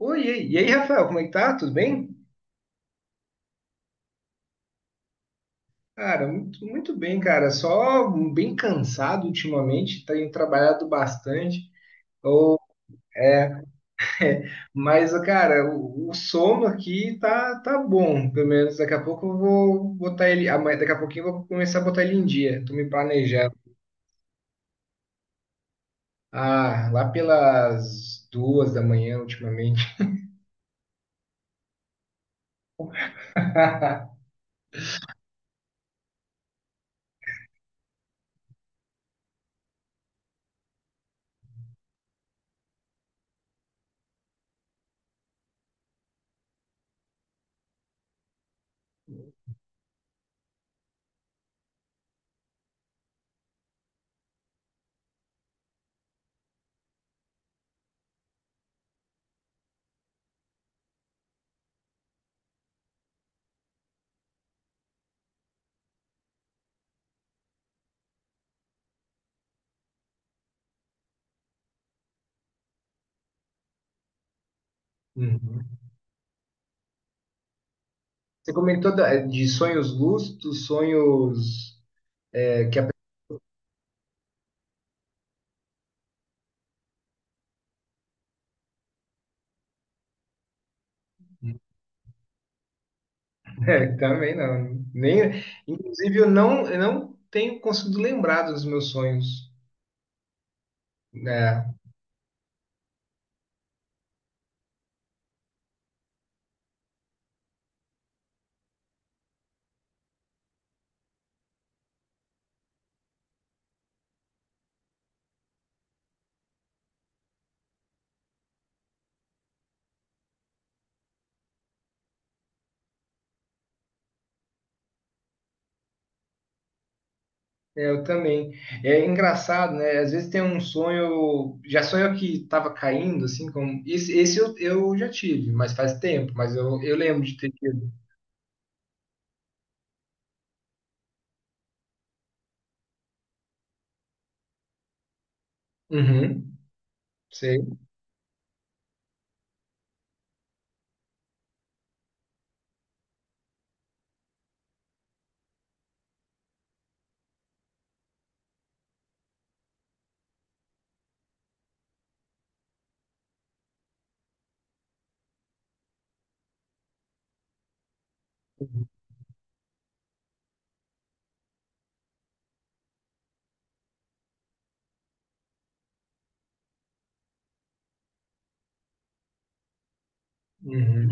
Oi, e aí, Rafael, como é que tá? Tudo bem? Cara, muito, muito bem, cara. Só bem cansado ultimamente, tenho trabalhado bastante. Ou, é, mas, cara, o sono aqui tá bom. Pelo menos daqui a pouco eu vou botar ele. Amanhã, daqui a pouquinho eu vou começar a botar ele em dia. Tô me planejando. Ah, lá pelas duas da manhã ultimamente. Uhum. Você comentou de sonhos lúcidos, sonhos. É, também não. Nem, inclusive, eu não tenho conseguido lembrar dos meus sonhos. Né? É, eu também. É engraçado, né? Às vezes tem um sonho, já sonho que estava caindo, assim, como. Esse eu já tive, mas faz tempo, mas eu lembro de ter tido. Uhum, sei. Uhum,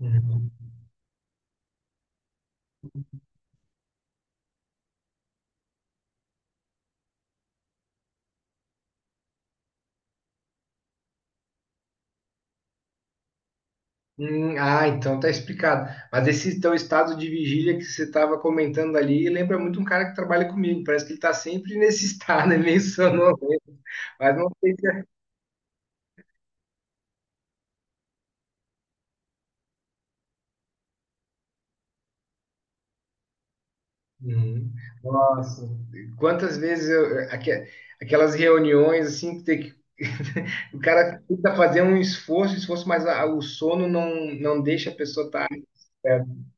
uhum. Ah, então tá explicado. Mas esse teu estado de vigília que você estava comentando ali lembra muito um cara que trabalha comigo. Parece que ele tá sempre nesse estado, é meio Mas não sei se... Uhum. Nossa, quantas vezes eu, aquelas reuniões assim que tem que o cara tenta fazer um esforço, mas o sono não deixa a pessoa estar certo.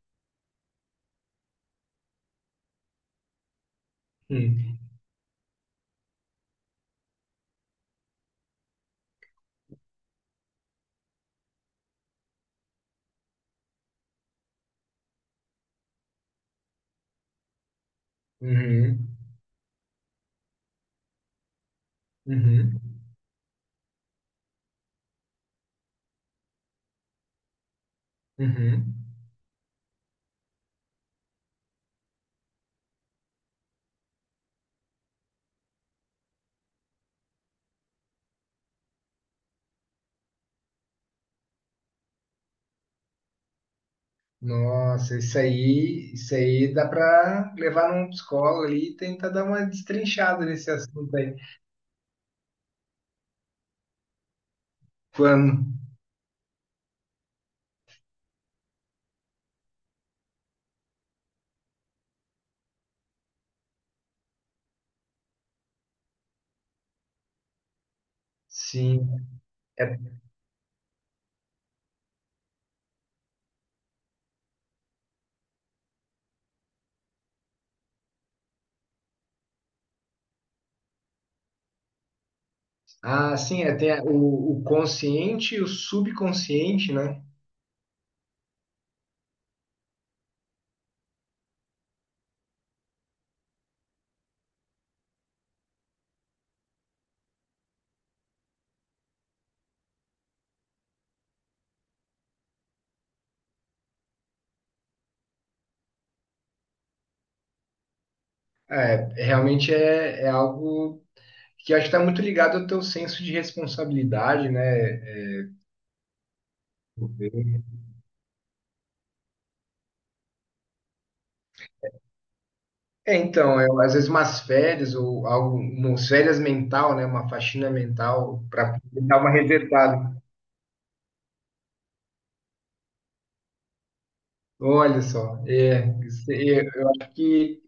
Hum. Uhum. Uhum. Uhum. Nossa, isso aí dá para levar num psicólogo ali e tentar dar uma destrinchada nesse assunto aí. Quando? Sim. É- ah, sim, é, tem o consciente e o subconsciente, né? Realmente é algo que acho que está muito ligado ao teu senso de responsabilidade, né? É, então, é às vezes umas férias ou algo, umas férias mental, né? Uma faxina mental para dar uma resetada. Olha só, é, é, eu acho que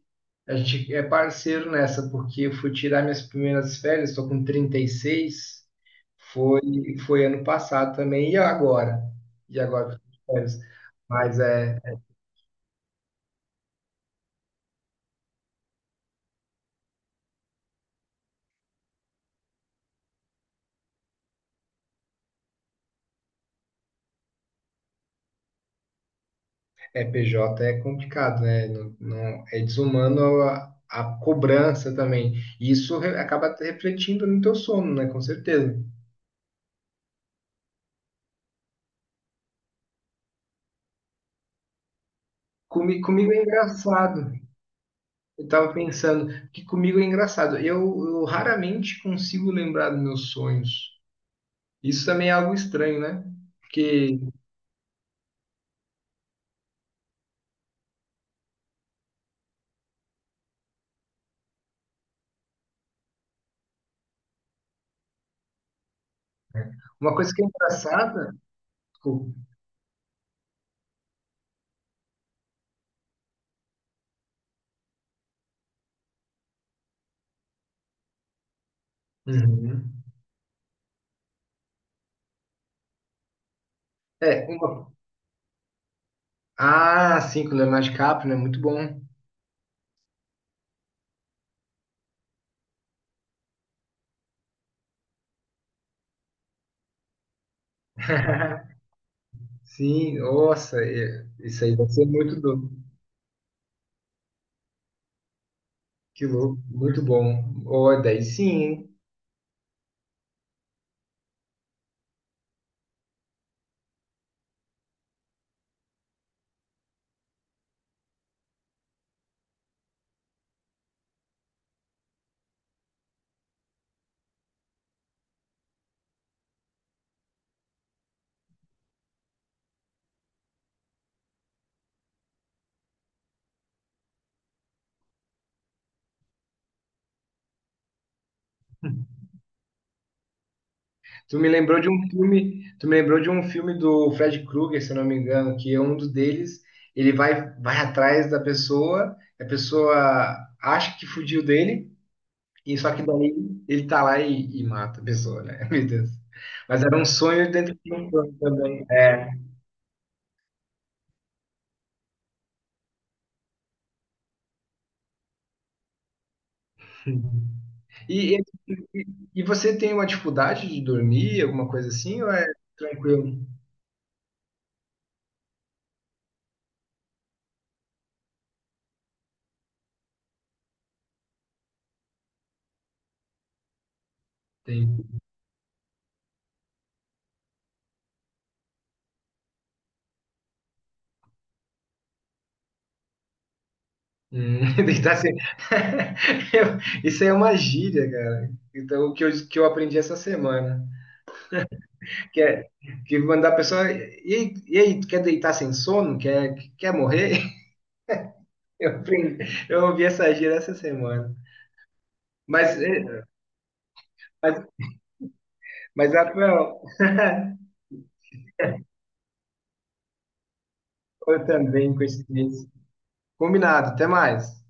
a gente é parceiro nessa, porque eu fui tirar minhas primeiras férias, estou com 36 foi, foi ano passado também, e agora? E agora? Eu tô de férias. Mas é. É, PJ é complicado, né? Não, é desumano a cobrança também. E isso acaba refletindo no teu sono, né? Com certeza. Comigo é engraçado. Eu estava pensando que comigo é engraçado. Eu raramente consigo lembrar dos meus sonhos. Isso também é algo estranho, né? Porque uma coisa que é engraçada. Desculpa. Uhum. É, uma... Ah, sim, com o Leonardo DiCaprio, né? Muito bom. Sim, nossa, isso aí vai ser muito do... Que louco, muito bom. Ó, daí sim, hein? Tu me lembrou de um filme do Fred Krueger, se eu não me engano, que é um dos deles, ele vai atrás da pessoa, a pessoa acha que fugiu dele, e só que daí ele tá lá e mata a pessoa, né? Meu Deus. Mas era um sonho dentro de um sonho também. É. E, e, e você tem uma dificuldade de dormir, alguma coisa assim, ou é tranquilo? Tem. Hum, deitar sem- Eu- Isso aí é uma gíria, cara. Então, que eu aprendi essa semana. Que é que mandar a pessoa. E aí, tu quer deitar sem sono? Quer, quer morrer? Eu, aprendi, eu ouvi essa gíria essa semana. Mas, é, mas, mas Rafael, eu também, coincidência. Combinado, até mais.